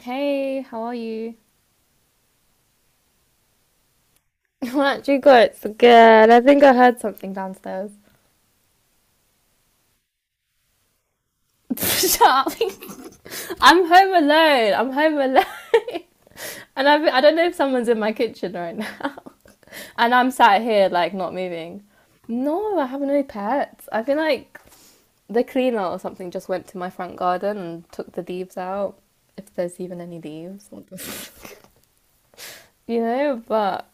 Hey, how are you? Aren't you good? It's good. I think I heard something downstairs. Shut up. I'm home alone. I'm home alone. I don't know if someone's in my kitchen right now. And I'm sat here, like, not moving. No, I have no pets. I feel like the cleaner or something just went to my front garden and took the leaves out. If there's even any leaves. But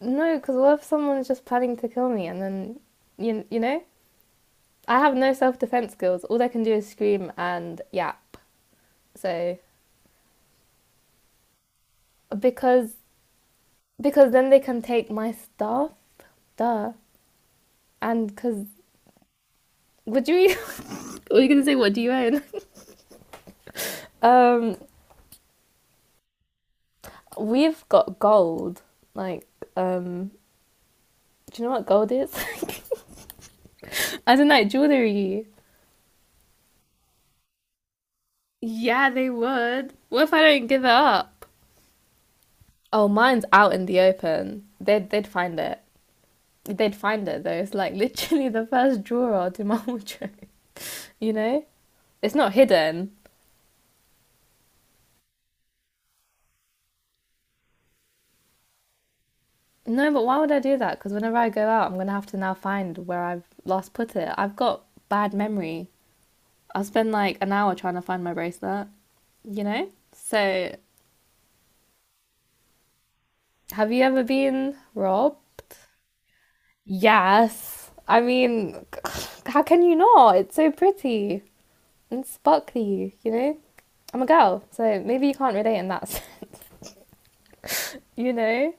no, because what if someone's just planning to kill me and then, you know? I have no self defense skills. All they can do is scream and yap. So because because then they can take my stuff, duh. And because would you? were you gonna say? What do you own? um, we've got gold. Like, um, do you know what gold is? I don't know jewelry. Yeah, they would. What if I don't give it up? Oh, mine's out in the open. They'd find it. They'd find it though. It's like literally the first drawer to my wardrobe. you know, it's not hidden. No, but why would I do that? Because whenever I go out, I'm gonna have to now find where I've last put it. I've got bad memory. I'll spend like an hour trying to find my bracelet. You know. So, have you ever been robbed? Yes. I mean, how can you not? It's so pretty and sparkly. You know. I'm a girl, so maybe you can't relate in that sense. You know,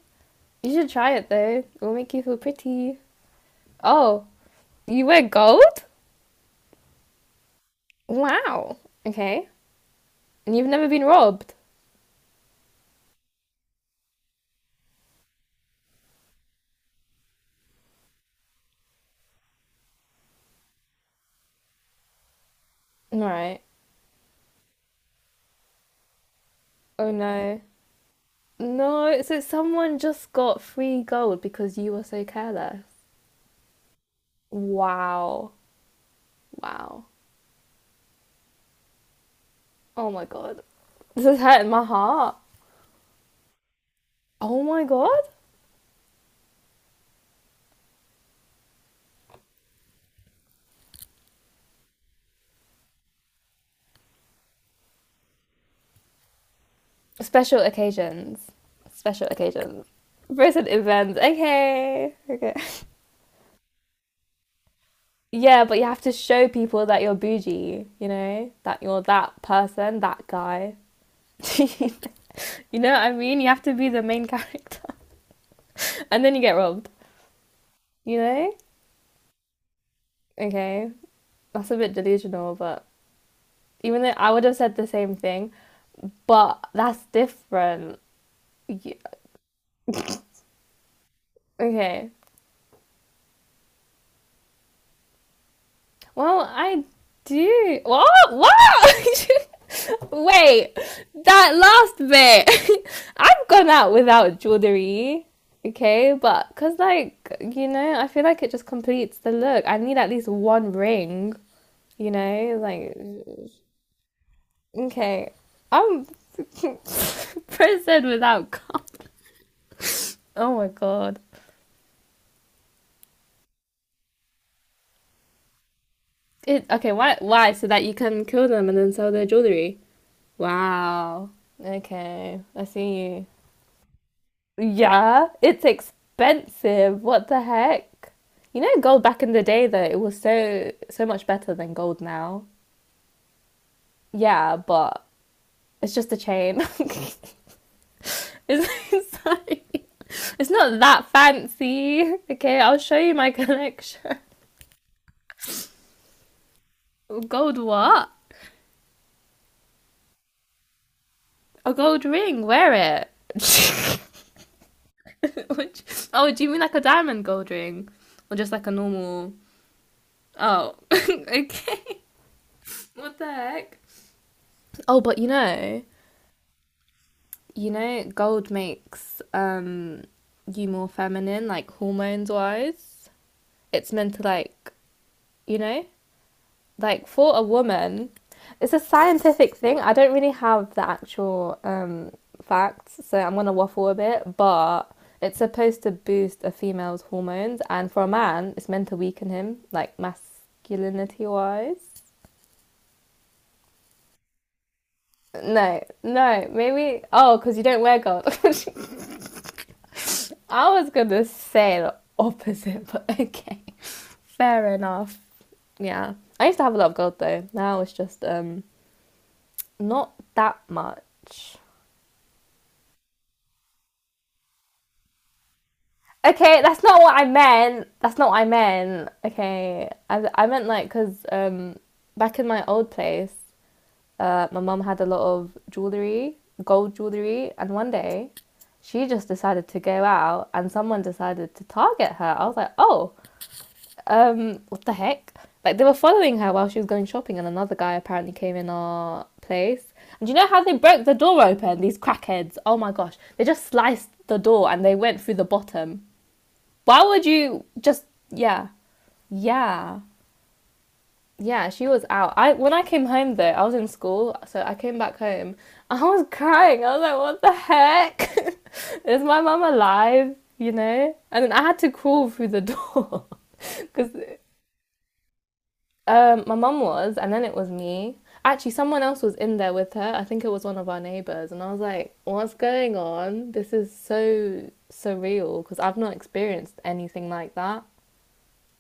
you should try it though. It will make you feel pretty. Oh, you wear gold? Wow. Okay. And you've never been robbed? Right. Oh no. No, so someone just got free gold because you were so careless. Wow. Wow. Oh my god. This is hurting my heart. Oh my god. Special occasions. Special occasions. Person events. Okay. Okay. Yeah, but you have to show people that you're bougie, you know, that you're that person, that guy. you know what I mean? You have to be the main character. And then you get robbed, you know? Okay, that's a bit delusional, but even though I would have said the same thing, but that's different. Yeah. Okay, well, I do. What? What? Wait, that last bit. I've gone out without jewelry. Okay, but because, like, you know, I feel like it just completes the look. I need at least one ring, you know? Like, okay. I'm person without cup. Oh my god. It, okay, why? Why? So that you can kill them and then sell their jewelry? Wow. Okay, I see you. Yeah, it's expensive. What the heck? You know, gold back in the day though, it was so much better than gold now. Yeah, but it's just a chain. It's like- it's not that fancy. Okay, I'll show you my collection. Gold what? A gold ring. Wear it. Which, oh, do you mean like a diamond gold ring, or just like a normal? Oh, okay. What the heck? Oh, but you know, gold makes you more feminine, like hormones wise. It's meant to like, you know, like for a woman, it's a scientific thing. I don't really have the actual facts, so I'm gonna waffle a bit, but it's supposed to boost a female's hormones, and for a man, it's meant to weaken him, like masculinity wise. No, no, maybe. Oh, because you don't wear gold. I was gonna say the opposite, but okay, fair enough. Yeah, I used to have a lot of gold though. Now it's just not that much. Okay, that's not what I meant. That's not what I meant. Okay, I meant like because back in my old place, my mum had a lot of jewelry, gold jewelry, and one day she just decided to go out and someone decided to target her. I was like, oh, um, what the heck? Like they were following her while she was going shopping, and another guy apparently came in our place. And do you know how they broke the door open? These crackheads! Oh my gosh, they just sliced the door and they went through the bottom. Why would you just? Yeah, yeah, yeah. She was out. I When I came home though, I was in school, so I came back home. I was crying. I was like, what the heck? Is my mum alive? You know? And then I had to crawl through the door because um, my mum was, and then it was me. Actually, someone else was in there with her. I think it was one of our neighbors, and I was like, "What's going on? This is so surreal because I've not experienced anything like that."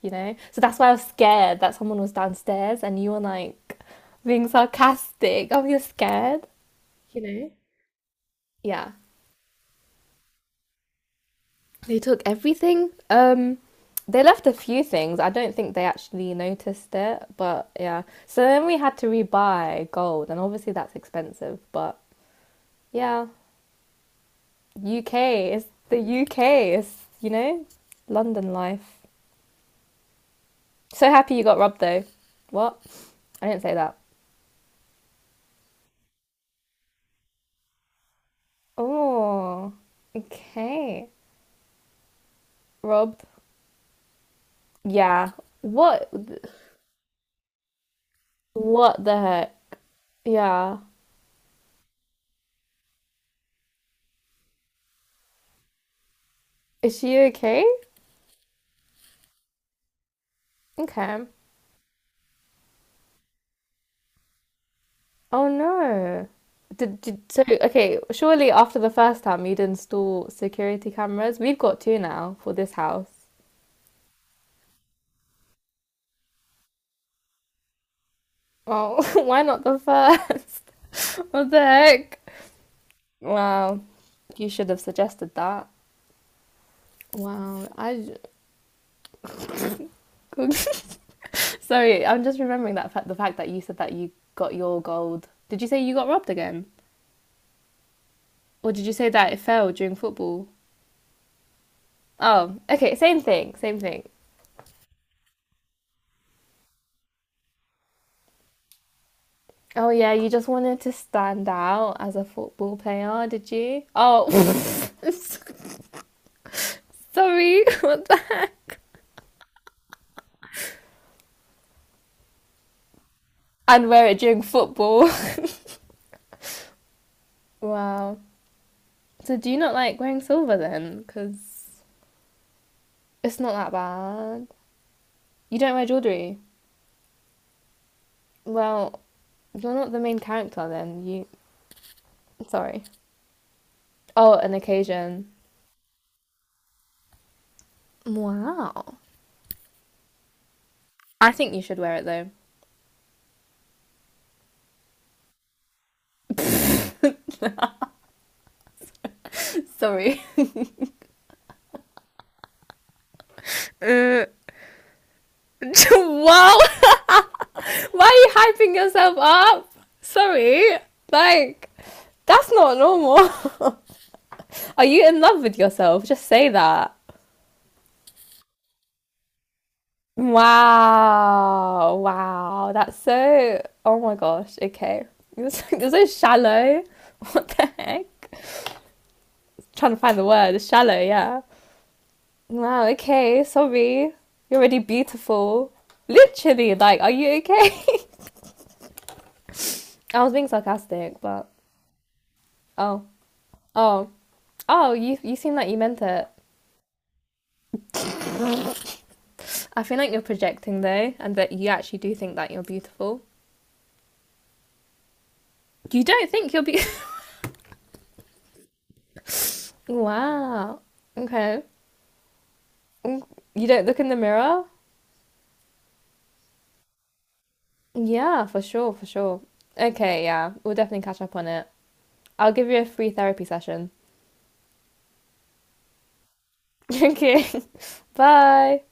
You know, so that's why I was scared that someone was downstairs and you were like being sarcastic. Oh, you're scared, you know? Yeah. They took everything. They left a few things. I don't think they actually noticed it, but yeah. So then we had to rebuy gold, and obviously that's expensive, but yeah, UK is the UK is, you know, London life. So happy you got robbed though. What? I didn't say that. Oh, okay. Robbed. Yeah. What? What the heck? Yeah. Is she okay? Okay. Oh no. Did so okay, surely after the first time you'd install security cameras. We've got two now for this house. Oh, why not the first? What the heck? Wow. You should have suggested that. Wow. I j- Sorry, I'm just remembering that fact, the fact that you said that you got your gold. Did you say you got robbed again? Or did you say that it fell during football? Oh, okay, same thing, same thing. Oh yeah, you just wanted to stand out as a football player, did you? Oh, sorry. What the- and wear it during football. Wow. So do you not like wearing silver then? Because it's not that bad. You don't wear jewelry. Well, you're not the main character then. You. Sorry. Oh, an occasion. Wow. I think you should wear it though. Sorry. Uh, wow. Why are you hyping yourself up? Sorry, like that's not normal. are you in love with yourself? Just say that. Wow, wow, that's so. Oh my gosh. Okay, you're so shallow. What the heck? Trying to find the word. It's shallow, yeah. Wow. Okay. Sorry. You're already beautiful. Literally, like, are you okay? I was being sarcastic, but oh, oh, oh, you seem like you meant it. I feel like you're projecting though, and that you actually do think that you're beautiful. You don't think you're beautiful. wow. Okay. Mm, you don't look in the mirror? Yeah, for sure, for sure. Okay, yeah, we'll definitely catch up on it. I'll give you a free therapy session. okay. Bye.